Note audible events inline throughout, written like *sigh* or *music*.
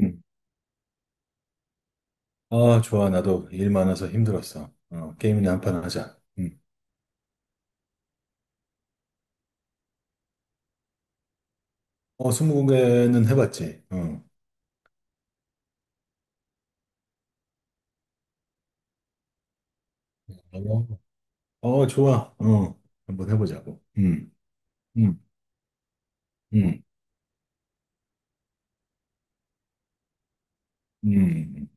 음. 아, 좋아. 나도 일 많아서 힘들었어. 게임이나 한 판 하자. 음. 스무고개는 해봤지. 어, 좋아. 한번 해보자고. 음, 음, 음,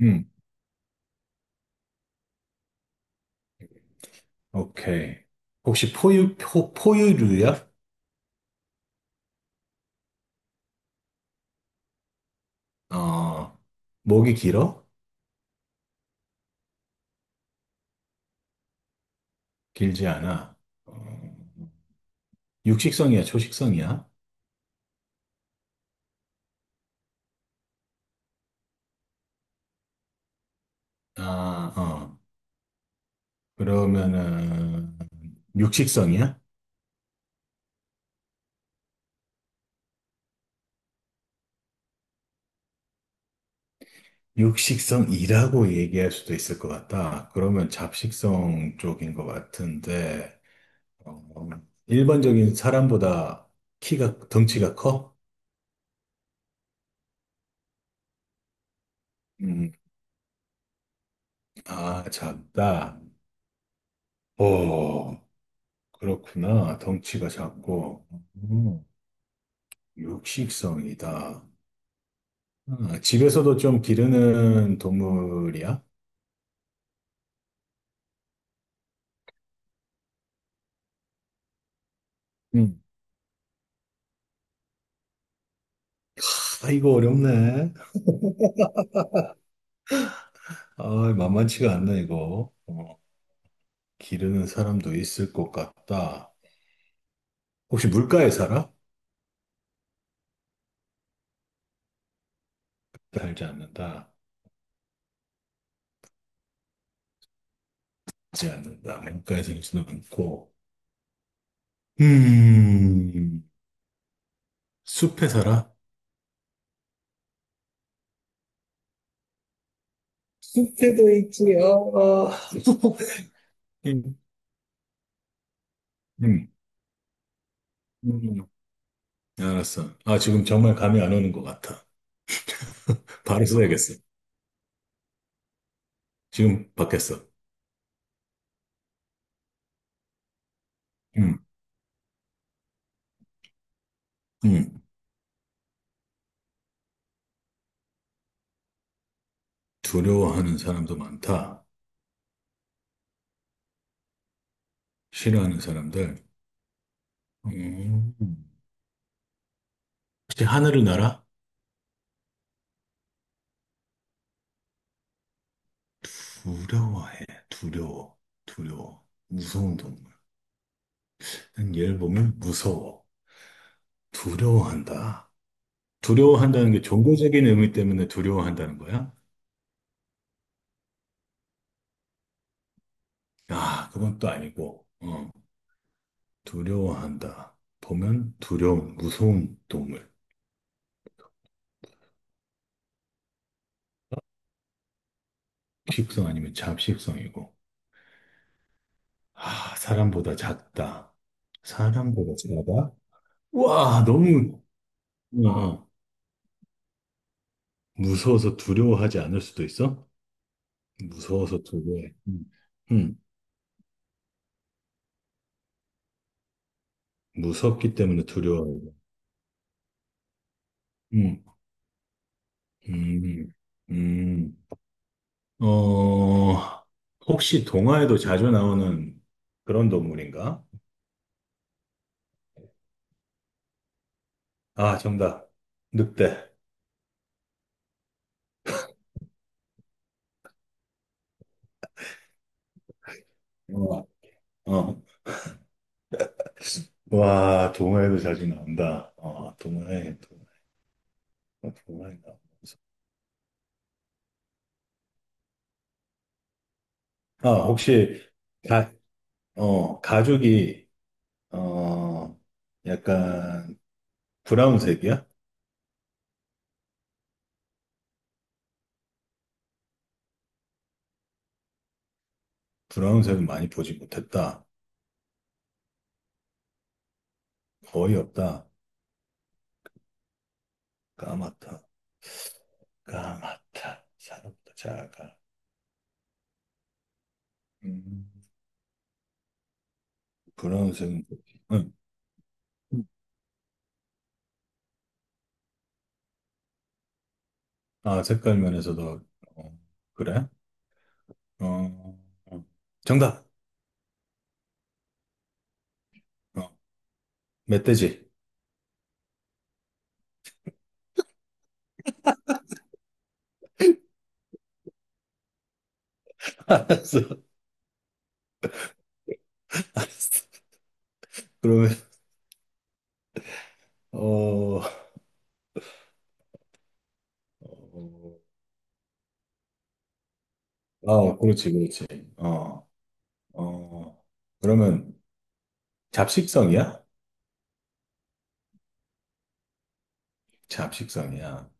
음. 오케이. 혹시 포유류야? 어, 목이 길어? 길지 않아? 어, 육식성이야? 초식성이야? 아, 어. 그러면은, 육식성이야? 육식성이라고 얘기할 수도 있을 것 같다. 그러면 잡식성 쪽인 것 같은데, 어, 일반적인 사람보다 덩치가 커? 음, 아, 작다. 오, 그렇구나. 덩치가 작고, 음, 육식성이다. 아, 집에서도 좀 기르는 동물이야? 음. 아, 이거 어렵네. 아, 만만치가 않네, 이거. 기르는 사람도 있을 것 같다. 혹시 물가에 살아? 살지 않는다. 살지 않는다. 물가에 살지는 않고. 음, 숲에 살아? 숲에도 있지요. 어. *laughs* 음, 음, 음. 알았어. 아, 지금 정말 감이 안 오는 것 같아. 바로 써야겠어. 지금 받겠어. 음, 음. 두려워하는 사람도 많다. 싫어하는 사람들. 음. 혹시 하늘을 날아? 두려워해. 두려워. 두려워. 무서운 동물. 얘를 보면 무서워, 두려워한다. 두려워한다는 게 종교적인 의미 때문에 두려워한다는 거야? 아, 그건 또 아니고, 두려워한다. 보면 두려운, 무서운 동물. 식성 아니면 잡식성이고. 아, 사람보다 작다. 사람보다 작아? 와, 너무, 어, 어. 무서워서 두려워하지 않을 수도 있어? 무서워서 두려워해. 음, 무섭기 때문에 두려워해. 음, 음, 음. 어, 혹시 동화에도 자주 나오는 그런 동물인가? 아, 정답. 늑대. 어, 어. 와, 동화에도 자주 나온다. 동화에 나오면서. 아, 혹시, 가, 가죽이, 어, 약간, 브라운색이야? 브라운색은 많이 보지 못했다. 거의 없다. 까맣다. 까맣다. 사람보다 작아. 음, 브라운색은, 보지. 응. 아, 색깔 면에서도, 어, 그래? 어, 어. 정답! 어, 멧돼지. *laughs* 알았어, 알았어. 그러면, 어, 아, 그렇지, 그렇지. 어, 어, 그러면 잡식성이야? 잡식성이야.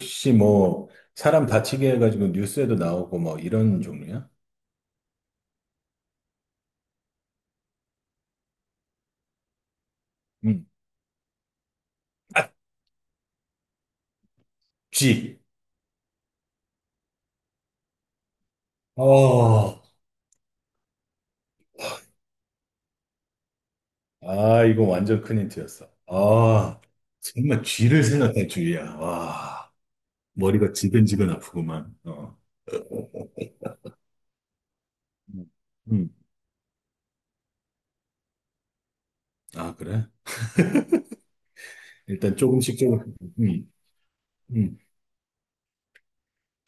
혹시 뭐, 사람 다치게 해가지고 뉴스에도 나오고 뭐 이런 종류야? 응. 아, 쥐! 어, 아, 이거 완전 큰 힌트였어. 아, 정말 쥐를 생각할 줄이야. 와. 머리가 지근지근 아프구만. 어. 음. 음. 아, 그래? 일단 조금씩 조금씩. 음. 음.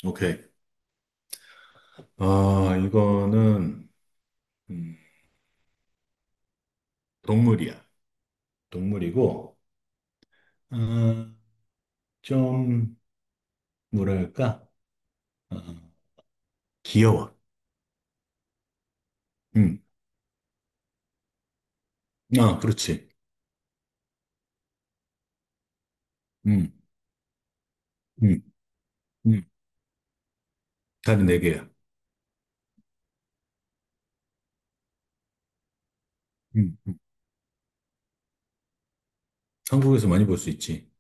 오케이. 아, 이거는 음, 동물이야. 동물이고 아, 좀 뭐랄까? 아, 귀여워. 음. 아, 그렇지. 음. 음. 음. 다리 네 개야. 음. 음. 한국에서 많이 볼 수 있지.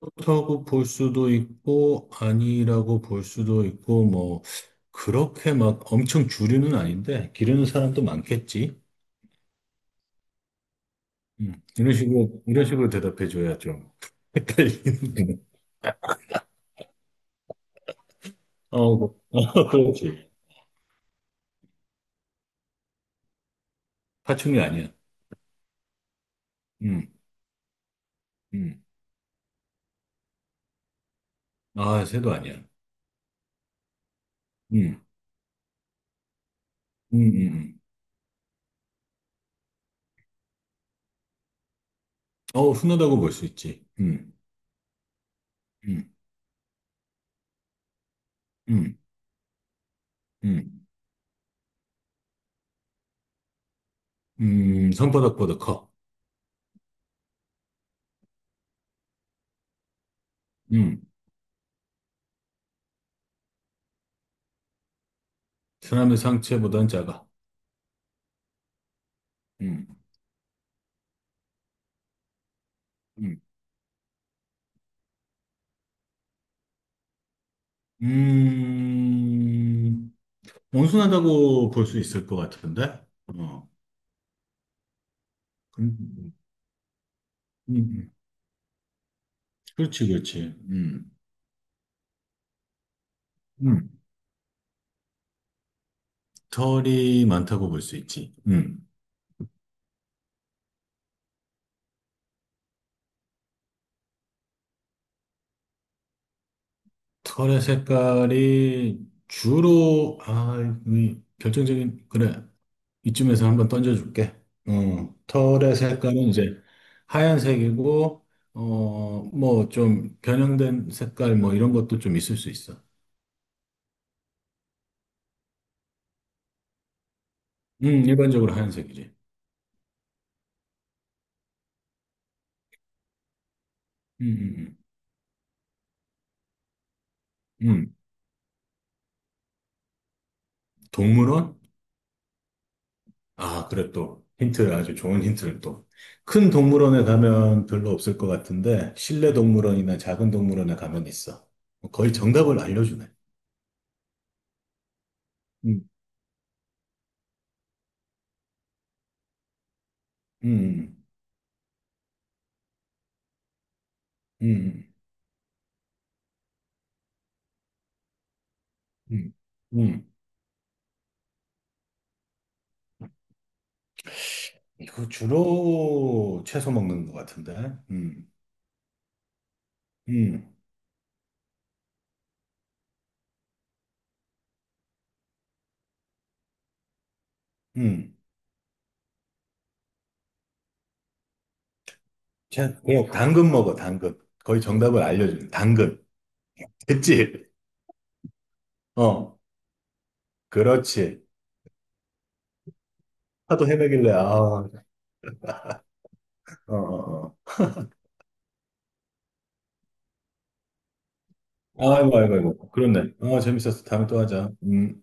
그렇다고 볼 수도 있고, 아니라고 볼 수도 있고, 뭐, 그렇게 막 엄청 주류는 아닌데, 기르는 사람도 많겠지. 이런 식으로, 이런 식으로 대답해 줘야 좀 *laughs* 헷갈리는구 *laughs* 어, 그- 어, *laughs* 그렇지. 파충류 아니야. 음, 음. 아, 새도 아니야. 음, 음. 흔하다고 볼 수 있지. 음, 음, 음. 손바닥보다 커. 음, 사람의 상체보단 작아. 음, 음. 음, 온순하다고 볼 수 있을 것 같은데? 어, 음, 음, 음. 그렇지, 그렇지. 음, 털이 많다고 볼 수 있지. 털의 색깔이 주로, 아, 이 결정적인, 그래. 이쯤에서 한번 던져줄게. 털의 색깔은 이제 하얀색이고, 뭐 좀 변형된 색깔 뭐 이런 것도 좀 있을 수 있어. 일반적으로 하얀색이지. 음, 음, 음. 음, 동물원? 아, 그래 또. 힌트, 아주 좋은 힌트를 또. 큰 동물원에 가면 별로 없을 것 같은데, 실내 동물원이나 작은 동물원에 가면 있어. 거의 정답을 알려주네. 음, 음, 음, 음, 음. 이거 주로 채소 먹는 것 같은데. 음, 음, 음. 당근 먹어, 당근. 거의 정답을 알려주네. 당근. 됐지? 어, 그렇지. 하도 헤매길래, 아, 어, 어. 아이고, 아이고, 아이고. 그렇네. 재밌었어. 다음에 또 하자. 음.